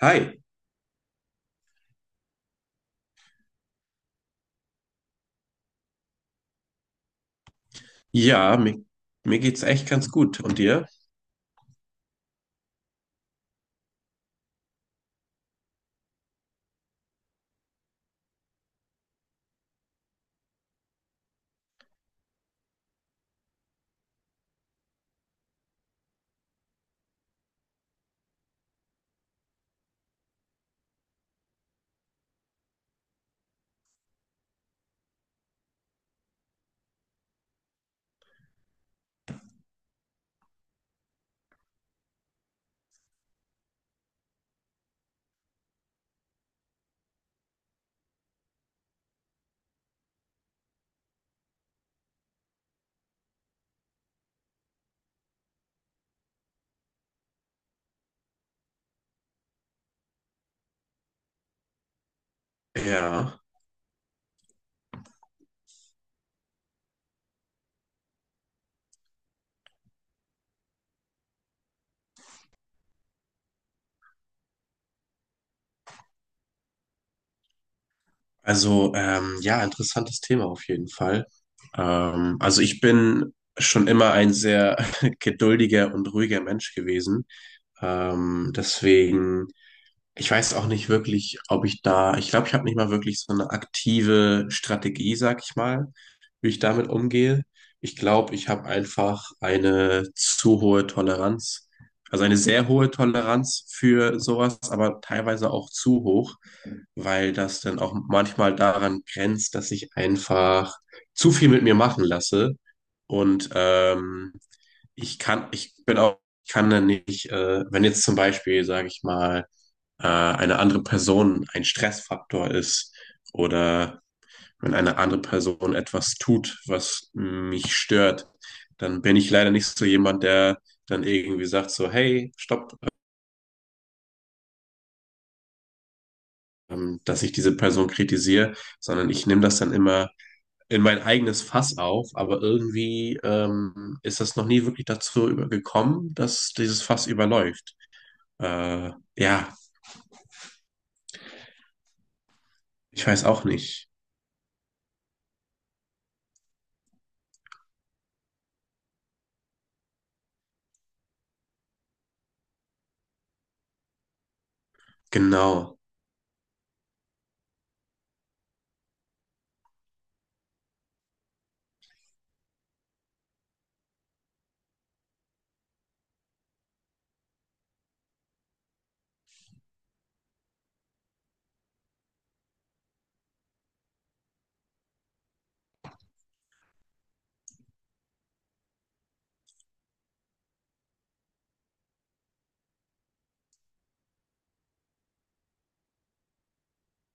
Hi, ja, mir geht's echt ganz gut. Und dir? Ja, ja, interessantes Thema auf jeden Fall. Also ich bin schon immer ein sehr geduldiger und ruhiger Mensch gewesen. Deswegen. Ich weiß auch nicht wirklich, ob ich glaube, ich habe nicht mal wirklich so eine aktive Strategie, sag ich mal, wie ich damit umgehe. Ich glaube, ich habe einfach eine zu hohe Toleranz, also eine sehr hohe Toleranz für sowas, aber teilweise auch zu hoch, weil das dann auch manchmal daran grenzt, dass ich einfach zu viel mit mir machen lasse und ich kann, ich bin auch, ich kann dann nicht, wenn jetzt zum Beispiel, sage ich mal, eine andere Person ein Stressfaktor ist oder wenn eine andere Person etwas tut, was mich stört, dann bin ich leider nicht so jemand, der dann irgendwie sagt so, hey, stopp, dass ich diese Person kritisiere, sondern ich nehme das dann immer in mein eigenes Fass auf, aber irgendwie ist das noch nie wirklich gekommen, dass dieses Fass überläuft. Ja, ich weiß auch nicht. Genau.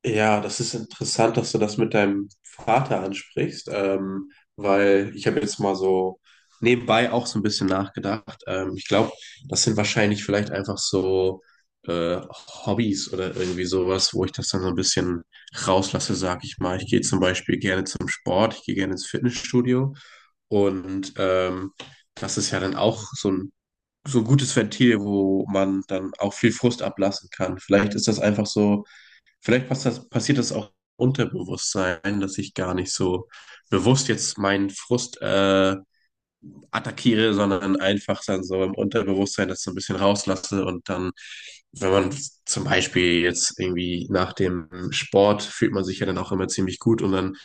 Ja, das ist interessant, dass du das mit deinem Vater ansprichst, weil ich habe jetzt mal so nebenbei auch so ein bisschen nachgedacht. Ich glaube, das sind wahrscheinlich vielleicht einfach so äh, Hobbys oder irgendwie sowas, wo ich das dann so ein bisschen rauslasse, sag ich mal. Ich gehe zum Beispiel gerne zum Sport, ich gehe gerne ins Fitnessstudio und das ist ja dann auch so ein gutes Ventil, wo man dann auch viel Frust ablassen kann. Vielleicht ist das einfach so. Vielleicht passiert das auch Unterbewusstsein, dass ich gar nicht so bewusst jetzt meinen Frust attackiere, sondern einfach dann so im Unterbewusstsein das so ein bisschen rauslasse und dann, wenn man zum Beispiel jetzt irgendwie nach dem Sport fühlt man sich ja dann auch immer ziemlich gut und dann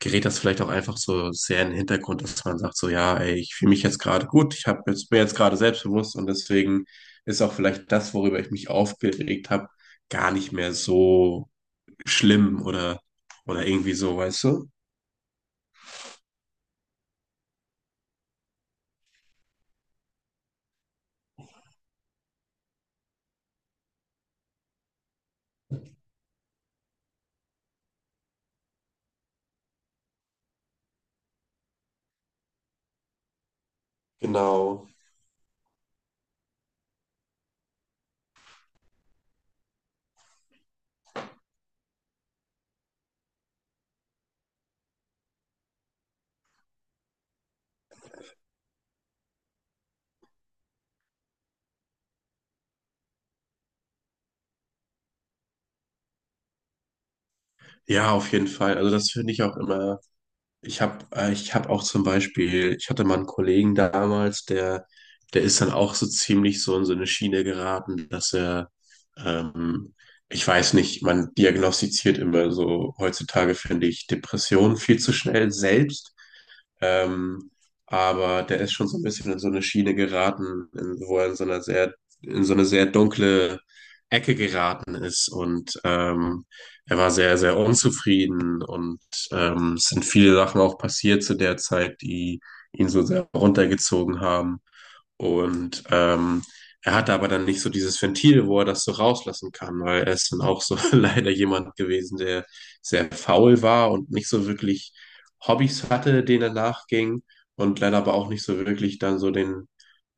gerät das vielleicht auch einfach so sehr in den Hintergrund, dass man sagt so, ja, ey, ich fühle mich jetzt gerade gut, bin jetzt gerade selbstbewusst und deswegen ist auch vielleicht das, worüber ich mich aufgeregt habe, gar nicht mehr so schlimm oder irgendwie so, weißt du? Genau. Ja, auf jeden Fall. Also das finde ich auch immer. Ich habe auch zum Beispiel, ich hatte mal einen Kollegen damals, der ist dann auch so ziemlich so in so eine Schiene geraten, ähm, ich weiß nicht, man diagnostiziert immer so heutzutage, finde ich, Depressionen viel zu schnell selbst. Ähm, aber der ist schon so ein bisschen in so eine Schiene geraten, wo er in so einer sehr, in so eine sehr dunkle Ecke geraten ist und er war sehr, sehr unzufrieden und es sind viele Sachen auch passiert zu der Zeit, die ihn so sehr runtergezogen haben. Und er hatte aber dann nicht so dieses Ventil, wo er das so rauslassen kann, weil er ist dann auch so leider jemand gewesen, der sehr faul war und nicht so wirklich Hobbys hatte, denen er nachging und leider aber auch nicht so wirklich dann so den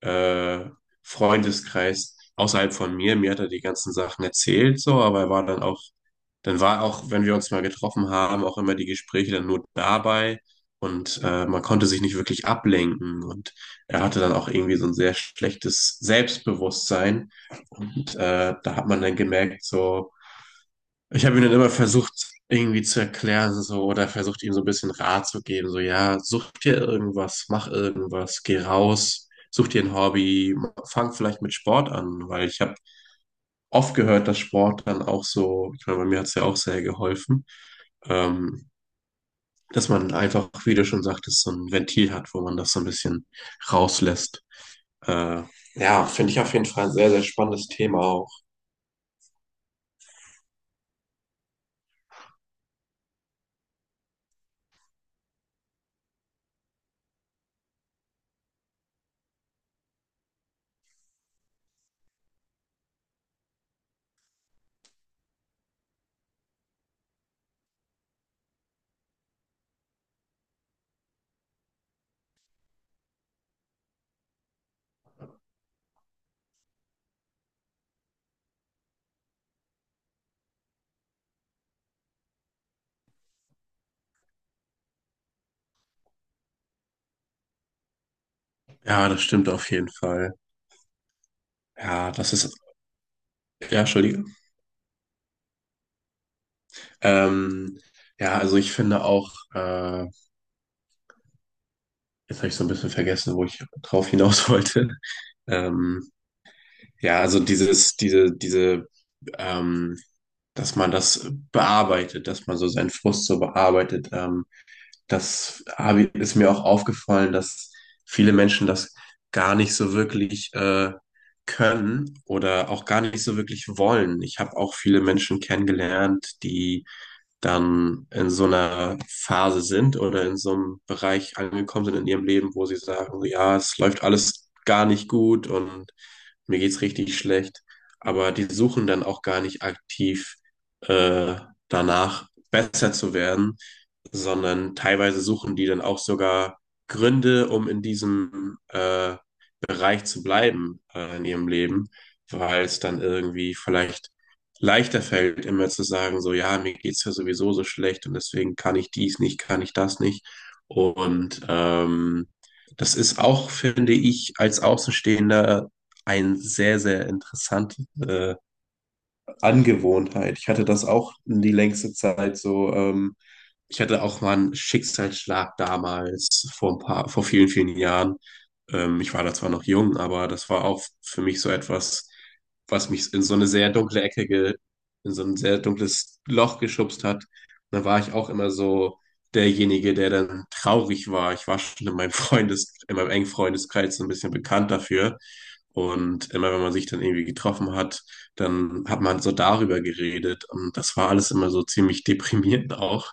äh, Freundeskreis außerhalb von mir. Mir hat er die ganzen Sachen erzählt, so, aber er war dann auch, dann war auch, wenn wir uns mal getroffen haben, auch immer die Gespräche dann nur dabei und man konnte sich nicht wirklich ablenken und er hatte dann auch irgendwie so ein sehr schlechtes Selbstbewusstsein. Und da hat man dann gemerkt, so, ich habe ihm dann immer versucht, irgendwie zu erklären, so, oder versucht, ihm so ein bisschen Rat zu geben, so, ja, such dir irgendwas, mach irgendwas, geh raus, such dir ein Hobby, fang vielleicht mit Sport an, weil ich habe oft gehört, dass Sport dann auch so, ich meine, bei mir hat es ja auch sehr geholfen, ähm, dass man einfach, wie du schon sagtest, so ein Ventil hat, wo man das so ein bisschen rauslässt. Äh, ja, finde ich auf jeden Fall ein sehr, sehr spannendes Thema auch. Ja, das stimmt auf jeden Fall. Ja, das ist, ja, Entschuldige. Ähm, ja, also ich finde auch, jetzt habe ich so ein bisschen vergessen, wo ich drauf hinaus wollte. Ähm, ja, also dieses, ähm, dass man das bearbeitet, dass man so seinen Frust so bearbeitet. Ist mir auch aufgefallen, dass viele Menschen das gar nicht so wirklich können oder auch gar nicht so wirklich wollen. Ich habe auch viele Menschen kennengelernt, die dann in so einer Phase sind oder in so einem Bereich angekommen sind in ihrem Leben, wo sie sagen, so, ja, es läuft alles gar nicht gut und mir geht's richtig schlecht. Aber die suchen dann auch gar nicht aktiv äh, danach, besser zu werden, sondern teilweise suchen die dann auch sogar Gründe, um in diesem Bereich zu bleiben in ihrem Leben, weil es dann irgendwie vielleicht leichter fällt, immer zu sagen, so, ja, mir geht's ja sowieso so schlecht und deswegen kann ich dies nicht, kann ich das nicht. Und das ist auch, finde ich, als Außenstehender ein sehr, sehr interessantes Angewohnheit. Ich hatte das auch die längste Zeit so. Ich hatte auch mal einen Schicksalsschlag damals vor ein paar, vor vielen, vielen Jahren. Ich war da zwar noch jung, aber das war auch für mich so etwas, was mich in so eine sehr dunkle in so ein sehr dunkles Loch geschubst hat. Und da war ich auch immer so derjenige, der dann traurig war. Ich war schon in meinem Freundes, in meinem engen Freundeskreis so ein bisschen bekannt dafür und immer wenn man sich dann irgendwie getroffen hat, dann hat man so darüber geredet. Und das war alles immer so ziemlich deprimierend auch.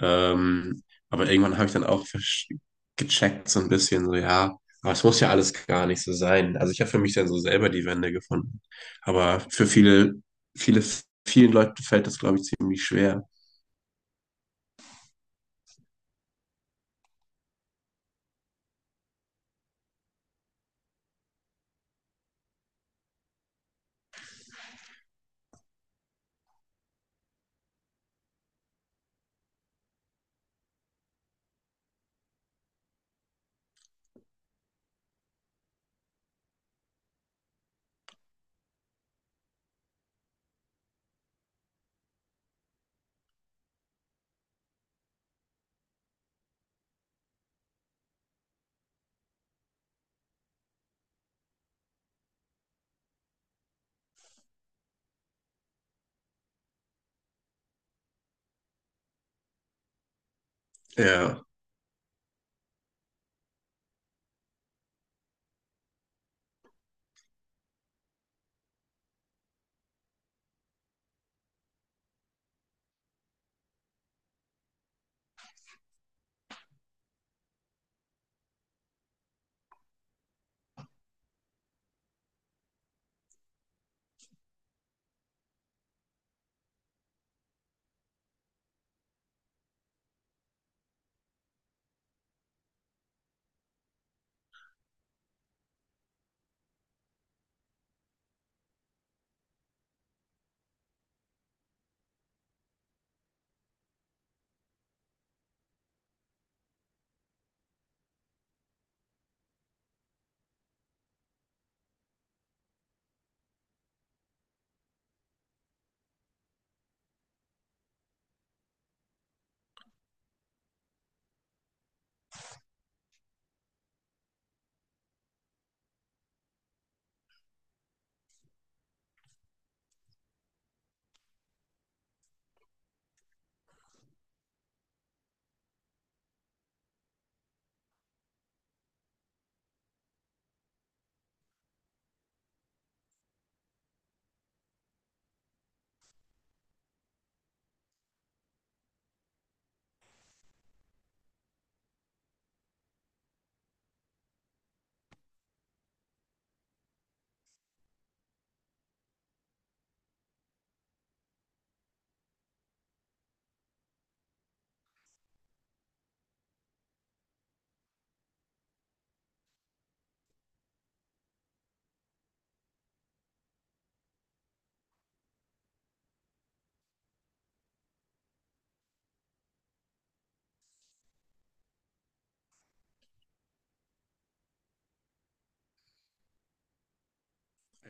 Ähm, aber irgendwann habe ich dann auch gecheckt, so ein bisschen, so ja, aber es muss ja alles gar nicht so sein. Also ich habe für mich dann so selber die Wende gefunden. Aber für viele, viele, vielen Leuten fällt das, glaube ich, ziemlich schwer. Ja,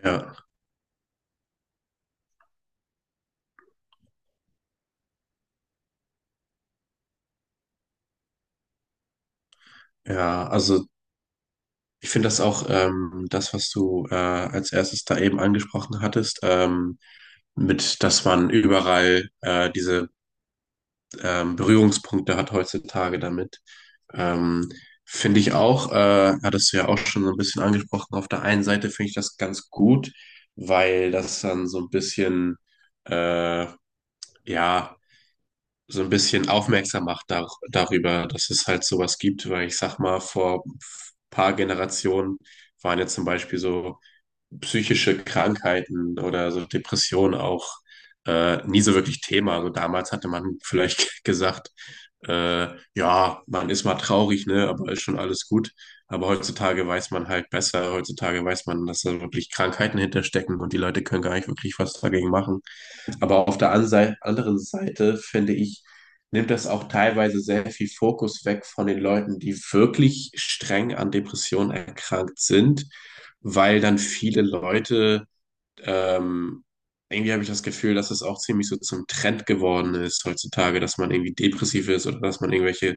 ja, ja. Also ich finde das auch das, was du als erstes da eben angesprochen hattest, mit, dass man überall diese Berührungspunkte hat heutzutage damit. Ähm, Finde ich auch, hattest du ja auch schon so ein bisschen angesprochen, auf der einen Seite finde ich das ganz gut, weil das dann so ein bisschen, äh, ja, so ein bisschen aufmerksam macht dar darüber, dass es halt sowas gibt, weil ich sag mal, vor ein paar Generationen waren ja zum Beispiel so psychische Krankheiten oder so Depressionen auch nie so wirklich Thema. Also damals hatte man vielleicht gesagt, äh, ja, man ist mal traurig, ne, aber ist schon alles gut. Aber heutzutage weiß man halt besser. Heutzutage weiß man, dass da wirklich Krankheiten hinterstecken und die Leute können gar nicht wirklich was dagegen machen. Aber auf der anderen Seite, finde ich, nimmt das auch teilweise sehr viel Fokus weg von den Leuten, die wirklich streng an Depressionen erkrankt sind, weil dann viele Leute ähm, irgendwie habe ich das Gefühl, dass es auch ziemlich so zum Trend geworden ist heutzutage, dass man irgendwie depressiv ist oder dass man irgendwelche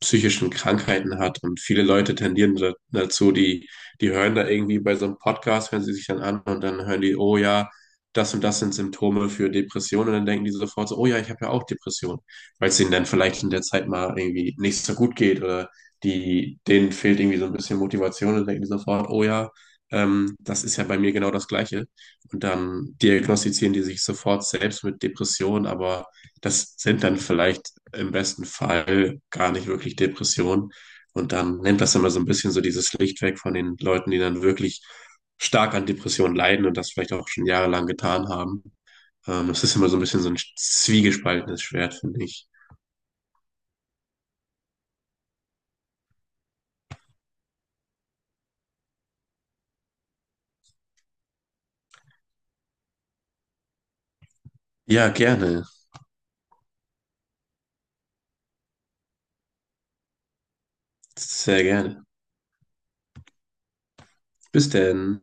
psychischen Krankheiten hat. Und viele Leute tendieren da, dazu, die hören da irgendwie bei so einem Podcast, hören sie sich dann an und dann hören die, oh ja, das und das sind Symptome für Depressionen. Und dann denken die sofort so, oh ja, ich habe ja auch Depressionen, weil es ihnen dann vielleicht in der Zeit mal irgendwie nicht so gut geht oder denen fehlt irgendwie so ein bisschen Motivation und denken die sofort, oh ja, das ist ja bei mir genau das Gleiche. Und dann diagnostizieren die sich sofort selbst mit Depressionen, aber das sind dann vielleicht im besten Fall gar nicht wirklich Depressionen. Und dann nimmt das immer so ein bisschen so dieses Licht weg von den Leuten, die dann wirklich stark an Depressionen leiden und das vielleicht auch schon jahrelang getan haben. Das ist immer so ein bisschen so ein zwiegespaltenes Schwert, finde ich. Ja, gerne. Sehr gerne. Bis denn.